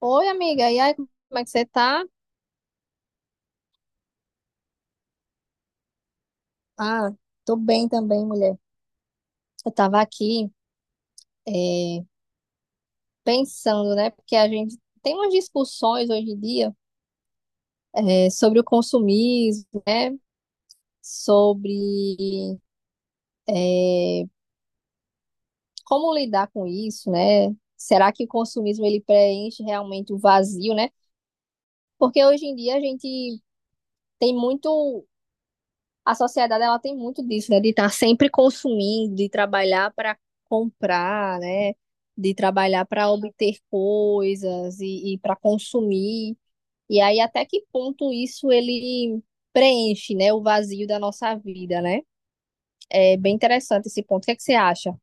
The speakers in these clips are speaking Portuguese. Oi, amiga. E aí, como é que você tá? Ah, tô bem também, mulher. Eu tava aqui, é, pensando, né? Porque a gente tem umas discussões hoje em dia, sobre o consumismo, né? Sobre, é, como lidar com isso, né? Será que o consumismo ele preenche realmente o vazio, né? Porque hoje em dia a gente tem muito. A sociedade ela tem muito disso, né? De estar sempre consumindo, de trabalhar para comprar, né? De trabalhar para obter coisas e para consumir. E aí, até que ponto isso ele preenche, né? O vazio da nossa vida, né? É bem interessante esse ponto. O que é que você acha?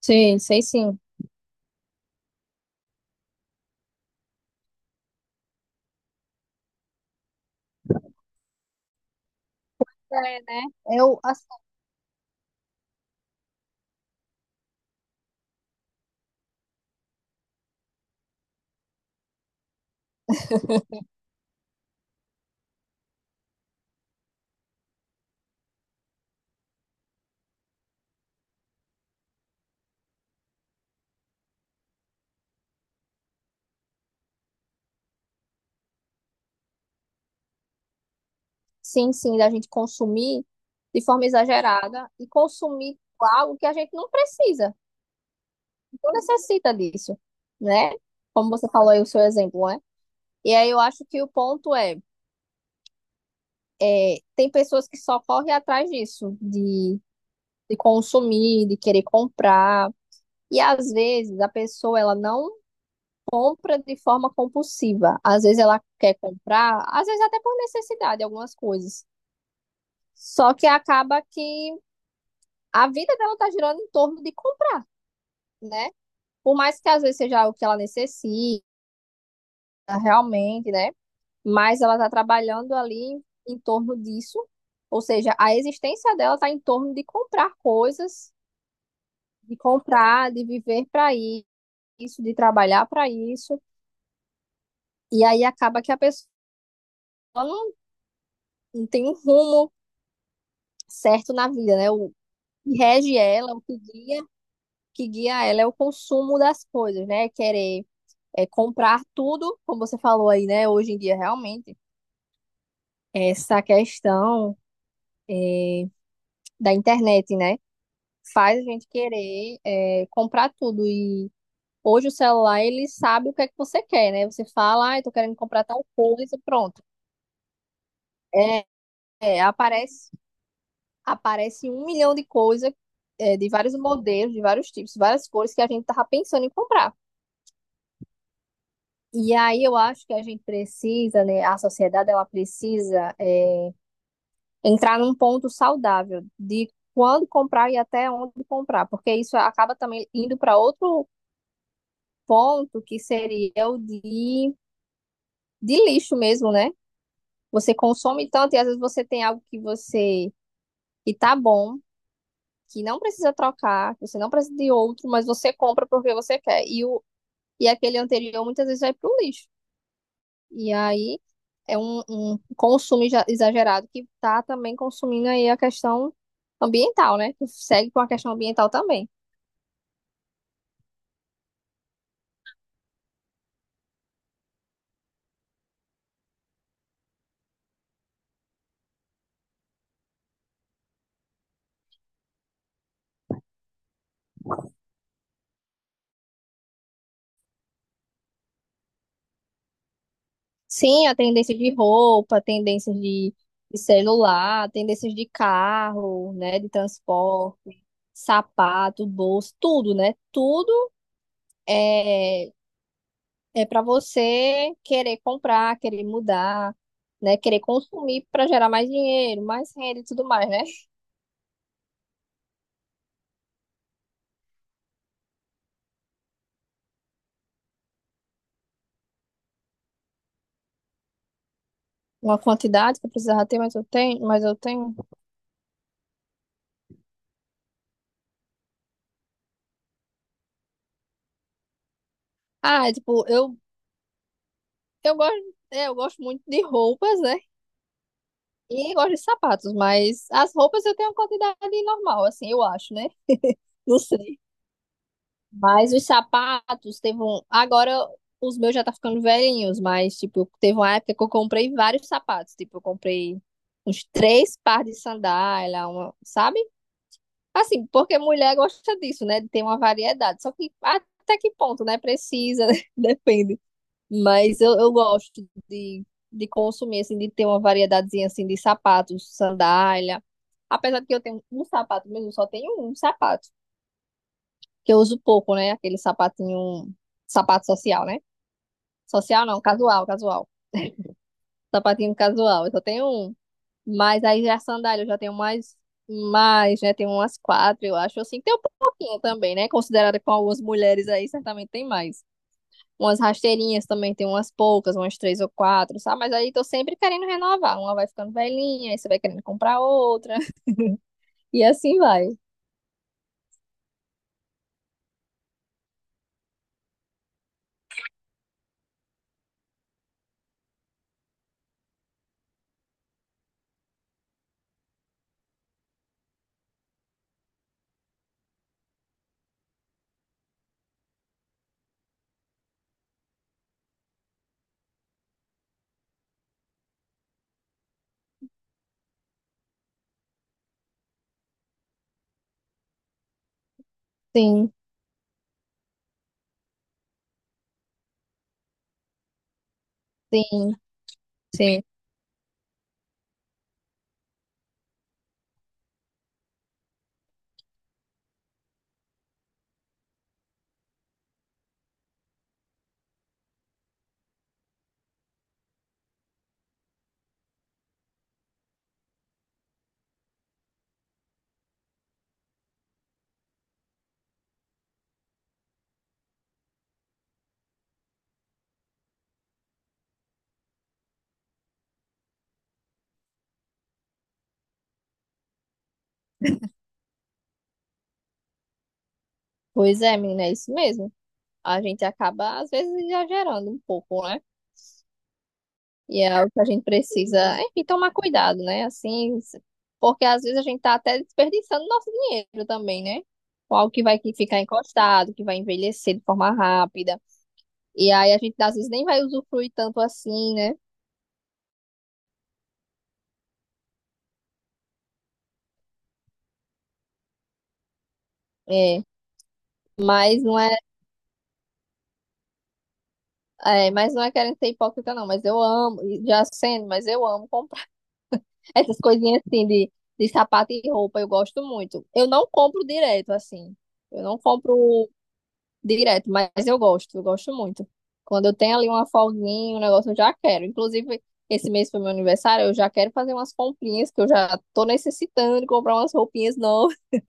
Sim, sei sim. É, né? Eu, assim, sim, sim, da gente consumir de forma exagerada e consumir algo que a gente não precisa. Não necessita disso, né? Como você falou aí o seu exemplo, né? E aí eu acho que o ponto é, tem pessoas que só correm atrás disso, de consumir, de querer comprar. E às vezes a pessoa ela não compra de forma compulsiva. Às vezes ela quer comprar, às vezes até por necessidade, algumas coisas. Só que acaba que a vida dela tá girando em torno de comprar, né? Por mais que às vezes seja algo que ela necessita realmente, né? Mas ela está trabalhando ali em torno disso, ou seja, a existência dela está em torno de comprar coisas, de comprar, de viver para isso, de trabalhar para isso, e aí acaba que a pessoa não, não tem um rumo certo na vida, né? O que rege ela, o que guia ela é o consumo das coisas, né? Querer comprar tudo, como você falou aí, né? Hoje em dia, realmente, essa questão da internet, né? Faz a gente querer comprar tudo. E hoje o celular, ele sabe o que é que você quer, né? Você fala, ah, eu tô querendo comprar tal coisa, pronto. É, é, aparece, aparece um milhão de coisas, de vários modelos, de vários tipos, várias cores que a gente tava pensando em comprar. E aí eu acho que a gente precisa, né? A sociedade, ela precisa entrar num ponto saudável de quando comprar e até onde comprar, porque isso acaba também indo para outro ponto que seria o de lixo mesmo, né? Você consome tanto e às vezes você tem algo que tá bom, que não precisa trocar, que você não precisa de outro, mas você compra porque você quer. E aquele anterior muitas vezes vai pro lixo. E aí é um consumo exagerado que tá também consumindo aí a questão ambiental, né? Que segue com a questão ambiental também. Sim, a tendência de roupa, tendências de celular, tendências de carro, né, de transporte, sapato, bolso, tudo, né? Tudo é é para você querer comprar, querer mudar, né, querer consumir para gerar mais dinheiro, mais renda e tudo mais, né? Uma quantidade que eu precisava ter, mas eu tenho, mas eu tenho. Ah, é tipo, eu gosto muito de roupas, né? E gosto de sapatos, mas as roupas eu tenho uma quantidade normal, assim, eu acho, né? Não sei. Mas os sapatos teve um. Agora os meus já tá ficando velhinhos, mas, tipo, teve uma época que eu comprei vários sapatos. Tipo, eu comprei uns três par de sandália, uma, sabe? Assim, porque mulher gosta disso, né? De ter uma variedade. Só que até que ponto, né? Precisa, né? Depende. Mas eu gosto de consumir, assim, de ter uma variedadezinha, assim, de sapatos, sandália. Apesar de que eu tenho um sapato mesmo, só tenho um sapato. Que eu uso pouco, né? Aquele sapatinho, sapato social, né? Social não, casual, casual. Sapatinho casual, eu só tenho um. Mas aí já é sandália, eu já tenho mais, mais, né? Tenho umas quatro, eu acho, assim. Tem um pouquinho também, né? Considerada com algumas mulheres aí, certamente tem mais. Umas rasteirinhas também, tem umas poucas, umas três ou quatro, sabe? Mas aí tô sempre querendo renovar. Uma vai ficando velhinha, aí você vai querendo comprar outra. E assim vai. Sim, sim, sim. Pois é, menina, é isso mesmo. A gente acaba, às vezes, exagerando um pouco, né? E é o que a gente precisa, enfim, tomar cuidado, né? Assim, porque às vezes a gente tá até desperdiçando nosso dinheiro também, né? Com algo que vai que ficar encostado, que vai envelhecer de forma rápida. E aí a gente, às vezes, nem vai usufruir tanto assim, né? É. Mas não é, mas não é querendo ser hipócrita, não. Mas eu amo, e já sendo, mas eu amo comprar essas coisinhas assim de sapato e roupa, eu gosto muito. Eu não compro direto, assim. Eu não compro direto, mas eu gosto muito. Quando eu tenho ali uma folguinha, um negócio, eu já quero. Inclusive, esse mês foi meu aniversário, eu já quero fazer umas comprinhas, que eu já tô necessitando de comprar umas roupinhas novas.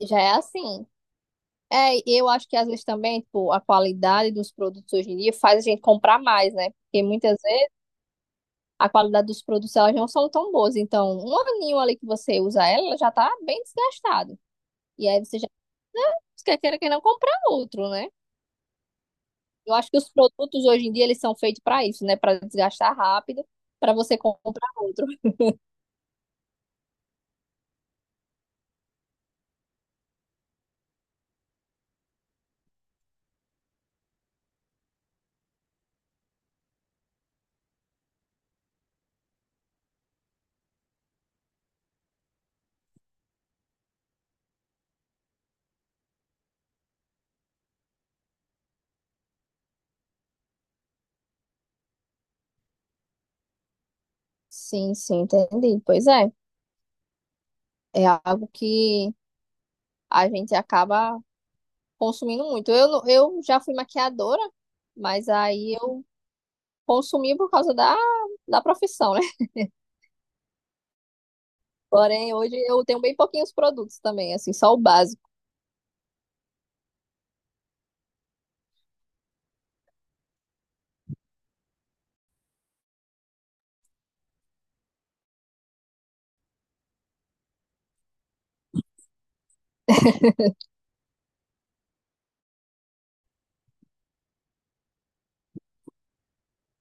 Já é assim. É, e eu acho que às vezes também, tipo, a qualidade dos produtos hoje em dia faz a gente comprar mais, né? Porque muitas vezes a qualidade dos produtos elas não são tão boas. Então, um aninho ali que você usa ela, ela já tá bem desgastado. E aí você já quer queira que não comprar outro, né? Eu acho que os produtos hoje em dia eles são feitos para isso, né? Para desgastar rápido, para você comprar outro. Sim, sim, entendi. Pois é, é algo que a gente acaba consumindo muito. Eu, não- eu já fui maquiadora, mas aí eu consumi por causa da profissão, né? Porém, hoje eu tenho bem pouquinhos produtos também, assim, só o básico.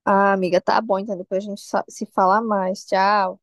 Ah, amiga, tá bom, então depois a gente se fala mais. Tchau.